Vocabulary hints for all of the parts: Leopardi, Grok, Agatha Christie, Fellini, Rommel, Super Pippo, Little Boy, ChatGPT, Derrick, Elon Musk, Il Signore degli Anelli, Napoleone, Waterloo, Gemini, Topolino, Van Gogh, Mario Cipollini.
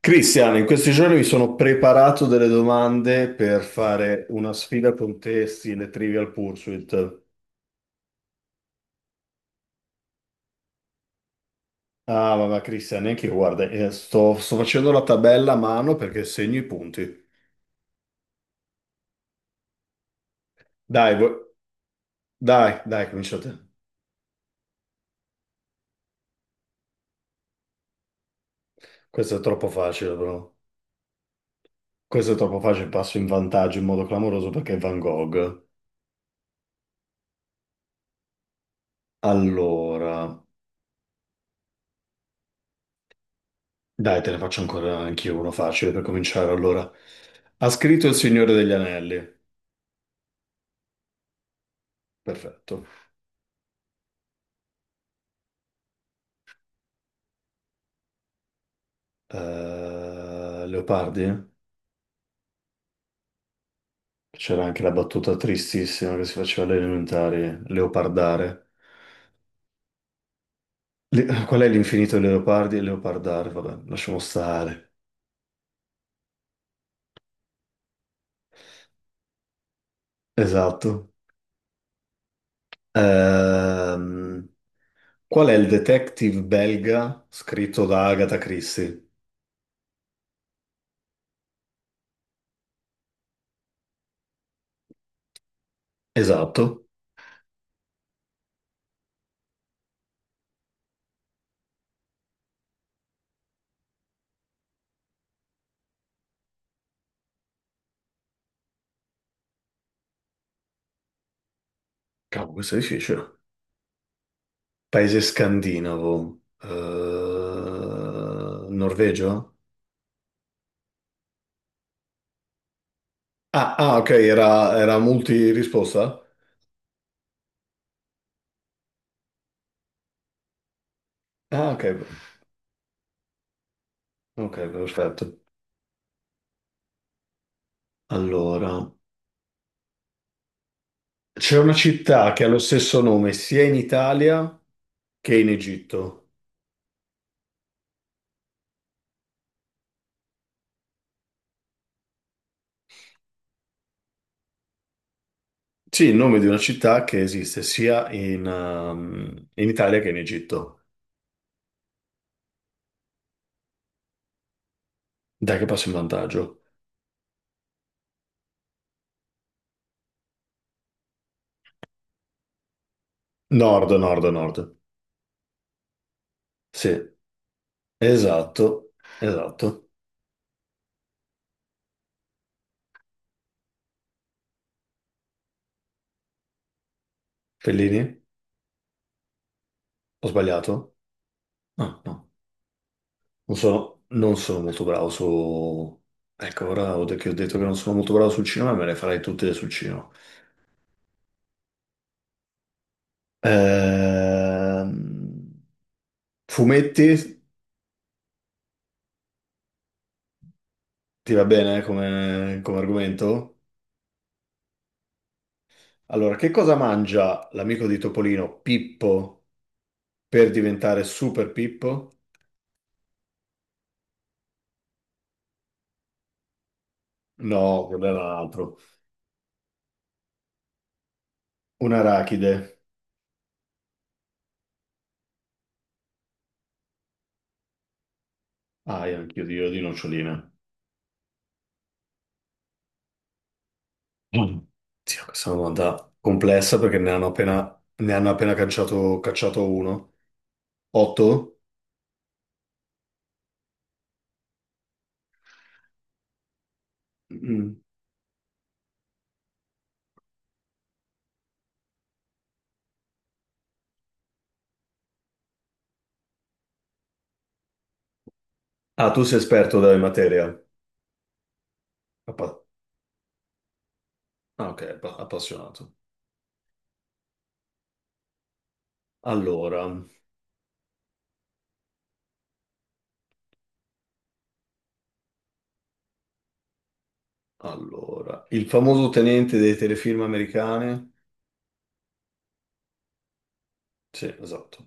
Cristiano, in questi giorni mi sono preparato delle domande per fare una sfida con te, stile Trivial Pursuit. Ah, vabbè, Cristiano, neanche io, guarda, sto facendo la tabella a mano perché segno i punti. Dai, dai, dai, comincia te. Questo è troppo facile, bro. Questo è troppo facile, passo in vantaggio in modo clamoroso perché è Van Gogh. Allora, dai, te ne faccio ancora anch'io uno facile per cominciare. Allora, ha scritto Il Signore degli Anelli. Perfetto. Eh, Leopardi, c'era anche la battuta tristissima che si faceva alle elementari, Leopardare. Qual è l'infinito di Leopardi e Leopardare? Vabbè, lasciamo stare. Esatto. Ehm, qual è il detective belga scritto da Agatha Christie? Esatto. Cavolo, questo è difficile. Paese scandinavo. Norvegia? Ah, ah, ok, era multi risposta? Ah, ok, ok, perfetto. Allora, c'è una città che ha lo stesso nome sia in Italia che in Egitto. Sì, il nome di una città che esiste sia in, in Italia che in Egitto. Dai che passo in vantaggio. Nord, nord, nord. Sì, esatto, esatto. Fellini? Ho sbagliato? No, no. Non sono molto bravo su... Ecco, ora che ho detto che non sono molto bravo sul cinema, me le farei tutte sul cinema. Ehm, Fumetti? Ti va bene come, come argomento? Allora, che cosa mangia l'amico di Topolino, Pippo, per diventare Super Pippo? No, quello era l'altro. Un arachide. Ah, io anch'io io di noccioline. Mm. Sì, questa è una domanda complessa perché ne hanno appena cacciato uno. Otto? Mm. Ah, tu sei esperto della materia. Appa- ah, ok, appassionato. Allora, allora, il famoso tenente dei telefilm americani. Sì, esatto.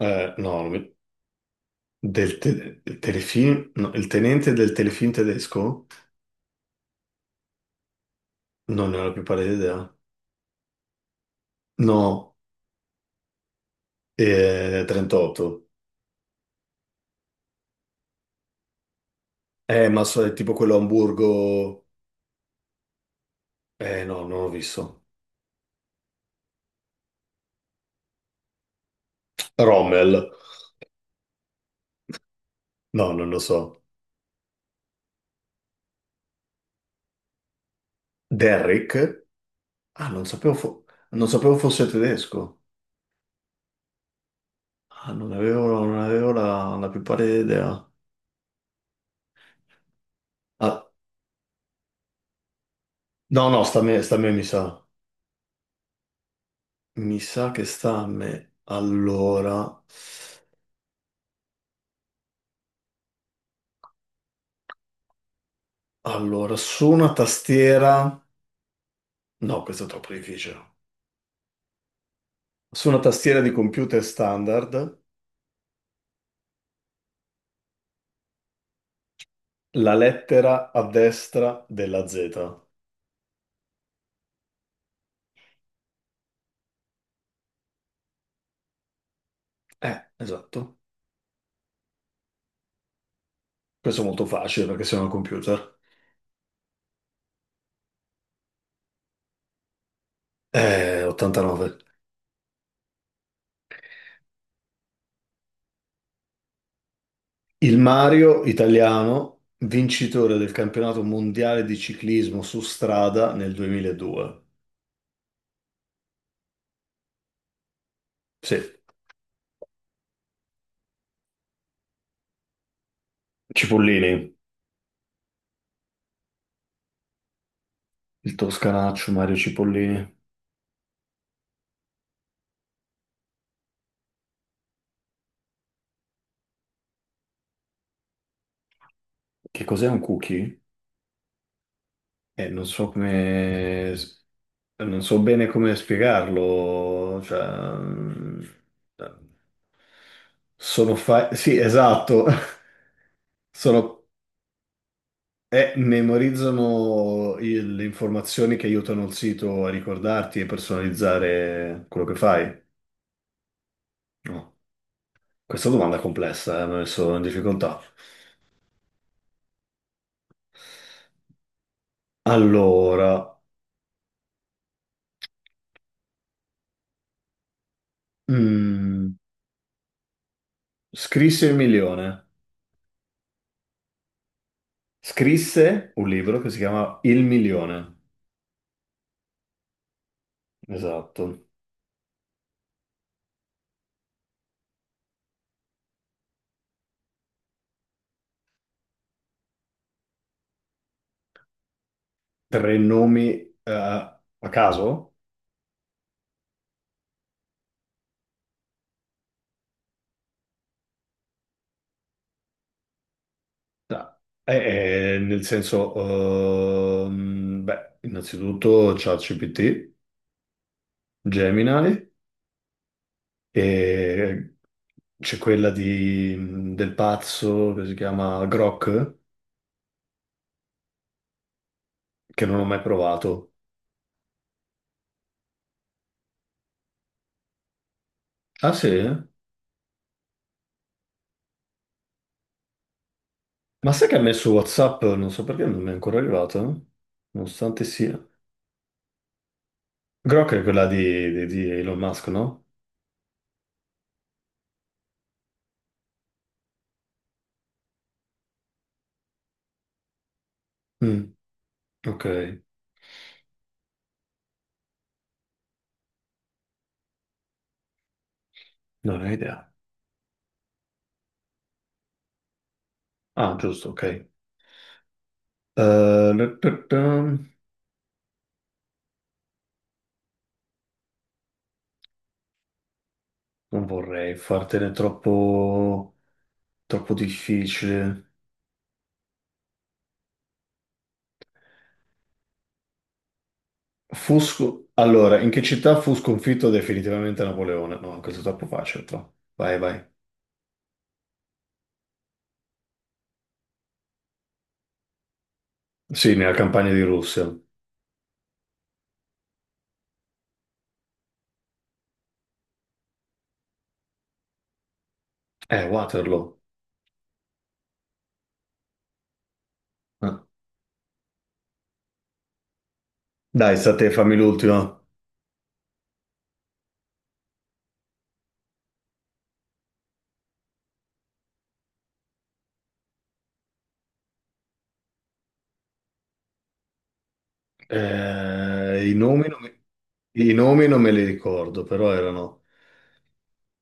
No, non mi- del, del telefilm, no, il tenente del telefilm tedesco? Non ne ho la più pallida idea. No, 38. Ma so, è tipo quello a Hamburgo... no, non l'ho visto. Rommel? No, non lo so. Derrick? Ah, non sapevo, fo- non sapevo fosse tedesco. Ah, non avevo la, la più pallida idea. Ah, no, no, sta a me, mi sa. Mi sa che sta a me. Allora... Allora, su una tastiera... No, questo è troppo difficile. Su una tastiera di computer standard, la lettera a destra della Z. Esatto. Questo è molto facile perché siamo al computer. 89. Il Mario italiano, vincitore del campionato mondiale di ciclismo su strada nel 2002. Sì, Cipollini. Il toscanaccio Mario Cipollini. Che cos'è un cookie? Non so come... Non so bene come spiegarlo, cioè, mm, sono fa... Sì, esatto, sono... memorizzano le informazioni che aiutano il sito a ricordarti e personalizzare quello che fai. No. Questa domanda è complessa, mi ha messo in difficoltà. Allora, mm, scrisse il milione. Scrisse un libro che si chiama Il milione. Esatto. Tre nomi, eh, a caso? No. Nel senso, beh, innanzitutto ChatGPT, Gemini, e c'è quella di, del pazzo che si chiama Grok, che non ho mai provato. Ah sì? Ma sai che a me su WhatsApp non so perché non mi è ancora arrivato, nonostante sia. Grok è quella di, di Elon Musk, no? Mm, ok, non ho idea. Ah, giusto, ok. Non vorrei fartene troppo, troppo difficile. Allora, in che città fu sconfitto definitivamente Napoleone? No, questo è troppo facile, però. Vai, vai. Sì, nella campagna di Russia. Waterloo. Ah. Dai, sta a te, fammi l'ultima. Eh, i nomi non mi- i nomi non me li ricordo, però erano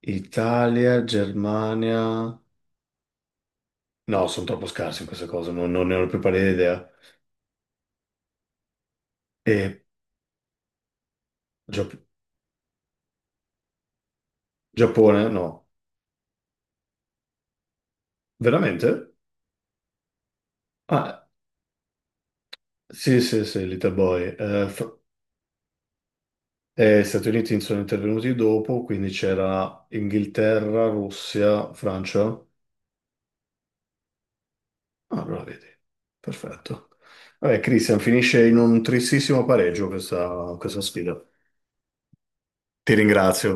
Italia, Germania... No, sono troppo scarsi in queste cose, non ne ho più pallida idea. E Gia- Giappone? No. Veramente? Ah, sì, sì, sì, Little Boy. Stati Uniti sono intervenuti dopo, quindi c'era Inghilterra, Russia, Francia. Ah, allora vedi. Perfetto. Vabbè, Christian, finisce in un tristissimo pareggio questa, questa sfida. Ti ringrazio.